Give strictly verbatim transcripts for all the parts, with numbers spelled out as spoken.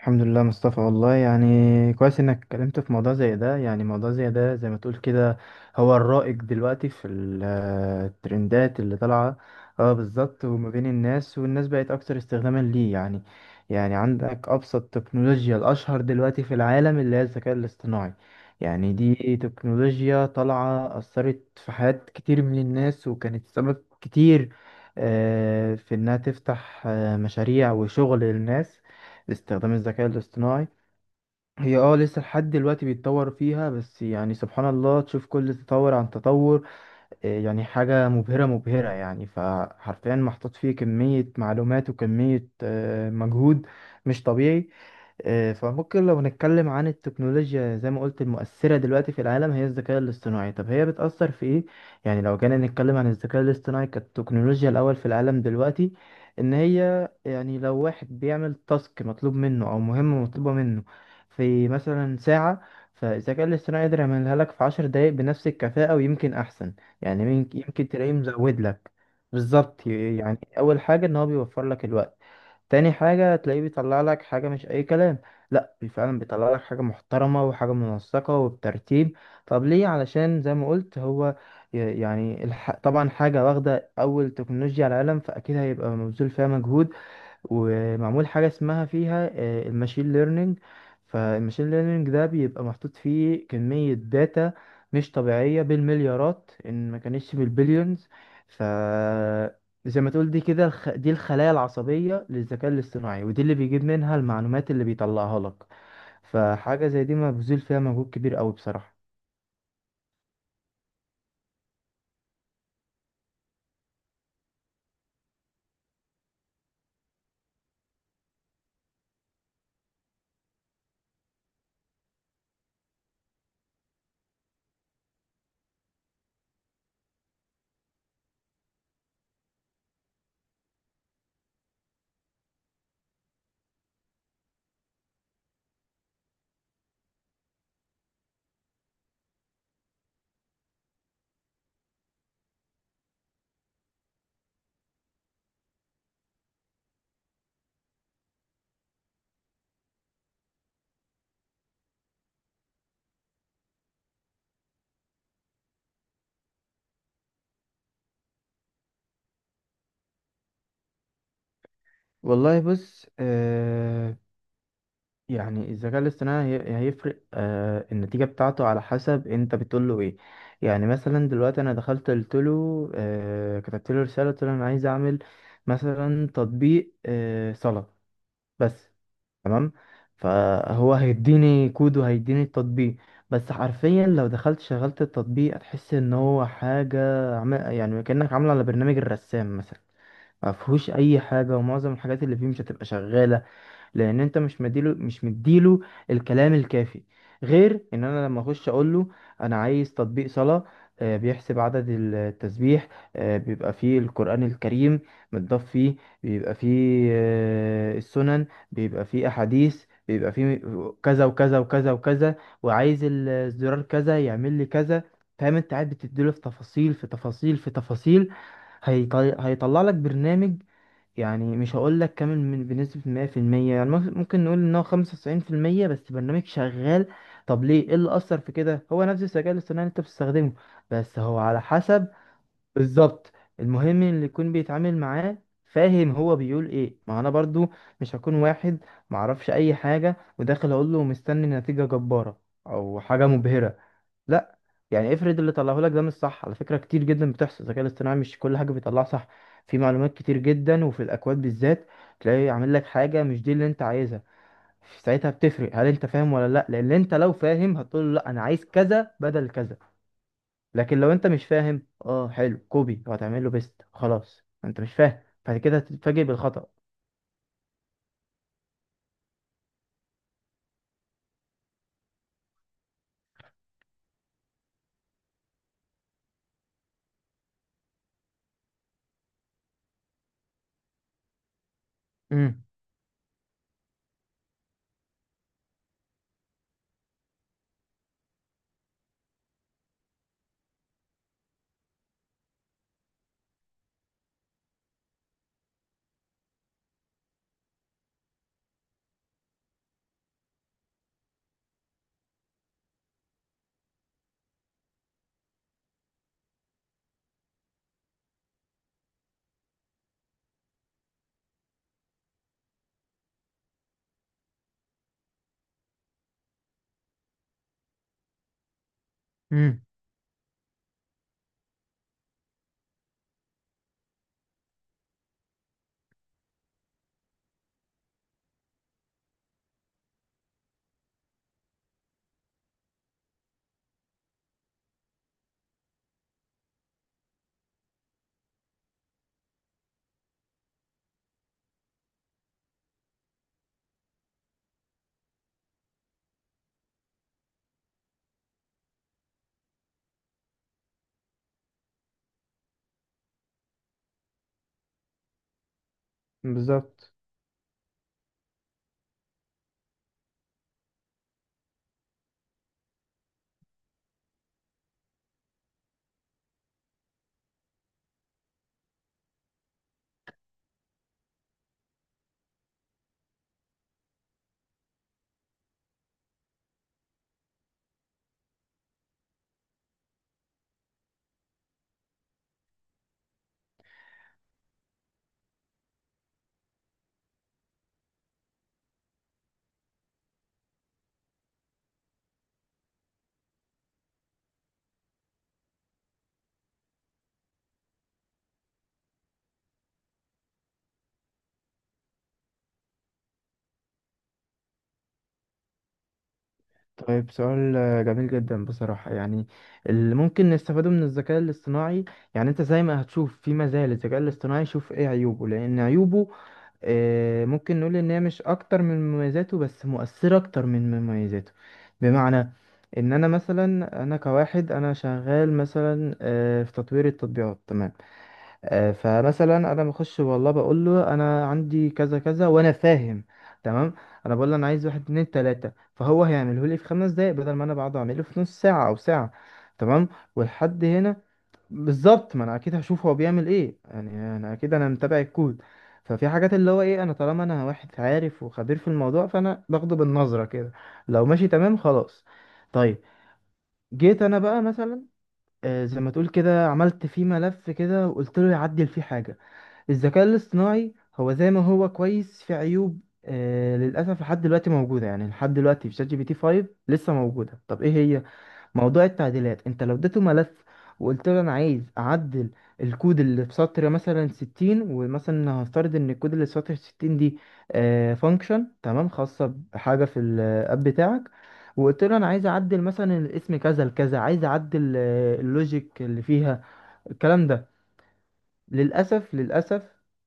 الحمد لله مصطفى. والله يعني كويس انك اتكلمت في موضوع زي ده، يعني موضوع زي ده زي ما تقول كده. هو الرائج دلوقتي في ال- آه، الترندات اللي طالعة. اه، بالظبط. وما بين الناس والناس بقت اكتر استخداما ليه يعني. يعني عندك ابسط تكنولوجيا الاشهر دلوقتي في العالم اللي هي الذكاء الاصطناعي. يعني دي تكنولوجيا طالعة اثرت في حياة كتير من الناس، وكانت سبب كتير آه، في انها تفتح آه، مشاريع وشغل للناس. استخدام الذكاء الاصطناعي هي اه لسه لحد دلوقتي بيتطور فيها، بس يعني سبحان الله تشوف كل تطور عن تطور. يعني حاجة مبهرة مبهرة، يعني فحرفيا محطوط فيه كمية معلومات وكمية آه، مجهود مش طبيعي. آه، فممكن لو نتكلم عن التكنولوجيا زي ما قلت المؤثرة دلوقتي في العالم هي الذكاء الاصطناعي. طب هي بتأثر في ايه؟ يعني لو جينا نتكلم عن الذكاء الاصطناعي كالتكنولوجيا الأول في العالم دلوقتي، إن هي يعني لو واحد بيعمل تاسك مطلوب منه أو مهمة مطلوبة منه في مثلا ساعة، فالذكاء الاصطناعي يقدر يعملها لك في عشر دقايق بنفس الكفاءة ويمكن أحسن. يعني مين- يمكن تلاقيه مزود لك. بالظبط، ي- يعني اول حاجه ان هو بيوفر لك الوقت. تاني حاجه تلاقيه بيطلع لك حاجه مش اي كلام. لا، بي- فعلا بيطلع لك حاجه محترمه وحاجه منسقه وبترتيب. طب ليه؟ علشان زي ما قلت هو ي- يعني الح... طبعا حاجه واخده اول تكنولوجيا على العالم، فاكيد هيبقى مبذول فيها مجهود ومعمول حاجة اسمها فيها آه، الماشين ليرنينج. فالماشين ليرنينج ده بيبقى محطوط فيه كمية داتا مش طبيعية بالمليارات إن ما كانتش بالبليونز. ف زي ما تقول دي كده الخ... دي الخلايا العصبية للذكاء الاصطناعي، ودي اللي بيجيب منها المعلومات اللي بيطلعها لك. فحاجة زي دي مبذول فيها مجهود كبير قوي بصراحة. والله بص. يعني الذكاء الاصطناعي هي- هيفرق آه النتيجة بتاعته على حسب انت بتقول له ايه. يعني مثلا دلوقتي انا دخلت قلت له آه كتبت له رسالة قلت له انا عايز اعمل مثلا تطبيق آه صلاة بس. تمام. فهو هيديني كود وهيديني التطبيق. بس حرفيا لو دخلت شغلت التطبيق هتحس ان هو حاجة عم- يعني كأنك عامله على برنامج الرسام مثلا. ما فيهوش اي حاجه، ومعظم الحاجات اللي فيه مش هتبقى شغاله لان انت مش مديله، مش مديله الكلام الكافي. غير ان انا لما اخش اقول له انا عايز تطبيق صلاة، آه، بيحسب عدد التسبيح، آه، بيبقى فيه القرآن الكريم متضاف فيه، بيبقى فيه آه، السنن، بيبقى فيه احاديث، بيبقى فيه كذا وكذا وكذا وكذا، وعايز الزرار كذا يعمل لي كذا. فاهم؟ انت قاعد بتديله في تفاصيل في تفاصيل في تفاصيل. هيطل... هيطلع لك برنامج. يعني مش هقول لك كامل من بنسبة مية في المية، يعني ممكن ممكن نقول ان هو خمسة وتسعين في المية، بس برنامج شغال. طب ليه؟ ايه اللي اثر في كده؟ هو نفس الذكاء الاصطناعي اللي انت بتستخدمه، بس هو على حسب. بالظبط، المهم اللي يكون بيتعامل معاه فاهم هو بيقول ايه. ما انا برضو مش هكون واحد معرفش اي حاجة وداخل اقول له مستني نتيجة جبارة او حاجة مبهرة. لا. يعني افرض اللي طلعه لك ده مش صح، على فكرة كتير جدا بتحصل، الذكاء الاصطناعي مش كل حاجة بيطلعها صح، في معلومات كتير جدا وفي الأكواد بالذات تلاقيه عامل لك حاجة مش دي اللي انت عايزها. ساعتها بتفرق هل انت فاهم ولا لا، لان انت لو فاهم هتقول له لا انا عايز كذا بدل كذا. لكن لو انت مش فاهم، اه حلو، كوبي وهتعمل له بيست، خلاص انت مش فاهم بعد كده هتتفاجئ بالخطأ. امم. امم. بالظبط. طيب. سؤال آه، جميل جدا بصراحة، يعني اللي ممكن نستفاده من الذكاء الاصطناعي. يعني انت زي ما هتشوف في مزايا للذكاء الاصطناعي شوف ايه عيوبه، لان عيوبه آه، ممكن نقول ان هي مش اكتر من مميزاته بس مؤثرة اكتر من مميزاته. بمعنى ان انا مثلا، انا كواحد انا شغال مثلا آه، في تطوير التطبيقات. تمام. آه، فمثلا انا بخش والله بقول له انا عندي كذا كذا، وانا فاهم تمام. انا بقول له انا عايز واحد اتنين تلاته فهو هيعمله لي في خمس دقايق بدل ما انا بقعد اعمله في نص ساعه او ساعه. تمام. والحد هنا. بالظبط، ما انا اكيد هشوف هو بيعمل ايه يعني. انا اكيد انا متابع الكود. ففي حاجات اللي هو ايه، انا طالما انا واحد عارف وخبير في الموضوع فانا باخده بالنظره كده. لو ماشي تمام خلاص. طيب. جيت انا بقى مثلا آه، زي ما تقول كده عملت فيه ملف كده وقلت له يعدل فيه حاجه. الذكاء الاصطناعي هو زي ما هو كويس في عيوب آه للأسف لحد دلوقتي موجودة، يعني لحد دلوقتي في شات جي بي تي خمسة لسه موجودة. طب ايه هي؟ موضوع التعديلات. انت لو اديته ملف وقلت له انا عايز اعدل الكود اللي في سطر مثلا ستين، ومثلا هفترض ان الكود اللي في سطر ستين دي آه فانكشن تمام خاصة بحاجة في الاب بتاعك، وقلت له انا عايز اعدل مثلا الاسم كذا لكذا، عايز اعدل آه، اللوجيك اللي فيها، الكلام ده. للأسف للأسف.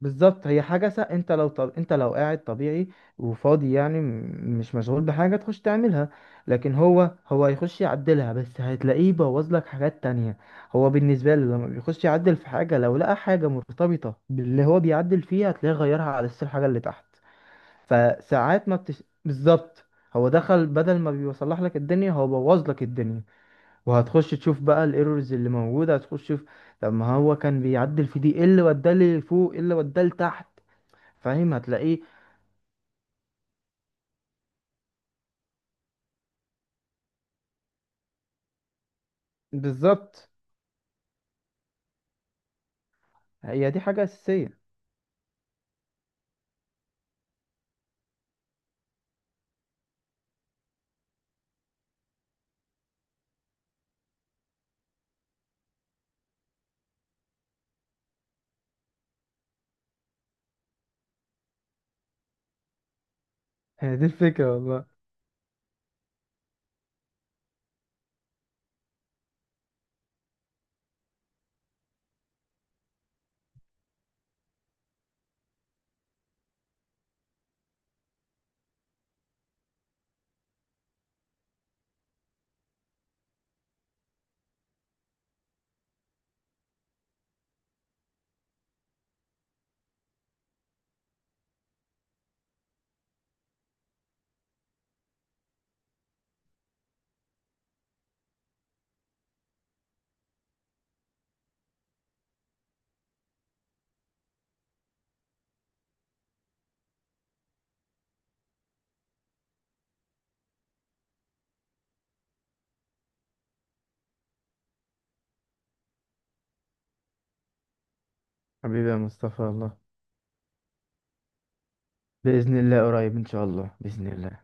بالظبط. هي حاجة سا... انت لو طب... انت لو قاعد طبيعي وفاضي، يعني م- مش مشغول بحاجة تخش تعملها. لكن هو هو هيخش يعدلها، بس هتلاقيه بوظ لك حاجات تانية. هو بالنسبة له لما بيخش يعدل في حاجة لو لقى حاجة مرتبطة باللي هو بيعدل فيها هتلاقيه غيرها على أساس الحاجة اللي تحت. فساعات ما بتش... بالظبط. هو دخل بدل ما بيصلح لك الدنيا هو بوظ لك الدنيا. وهتخش تشوف بقى الايرورز اللي موجوده، هتخش تشوف طب ما هو كان بيعدل في دي، ايه اللي وداه لفوق ايه اللي وداه لتحت؟ فاهم، هتلاقيه. بالظبط. هي دي حاجه اساسيه. هي دي الفكرة والله. حبيبي يا مصطفى. الله باذن الله قريب ان شاء الله، باذن الله.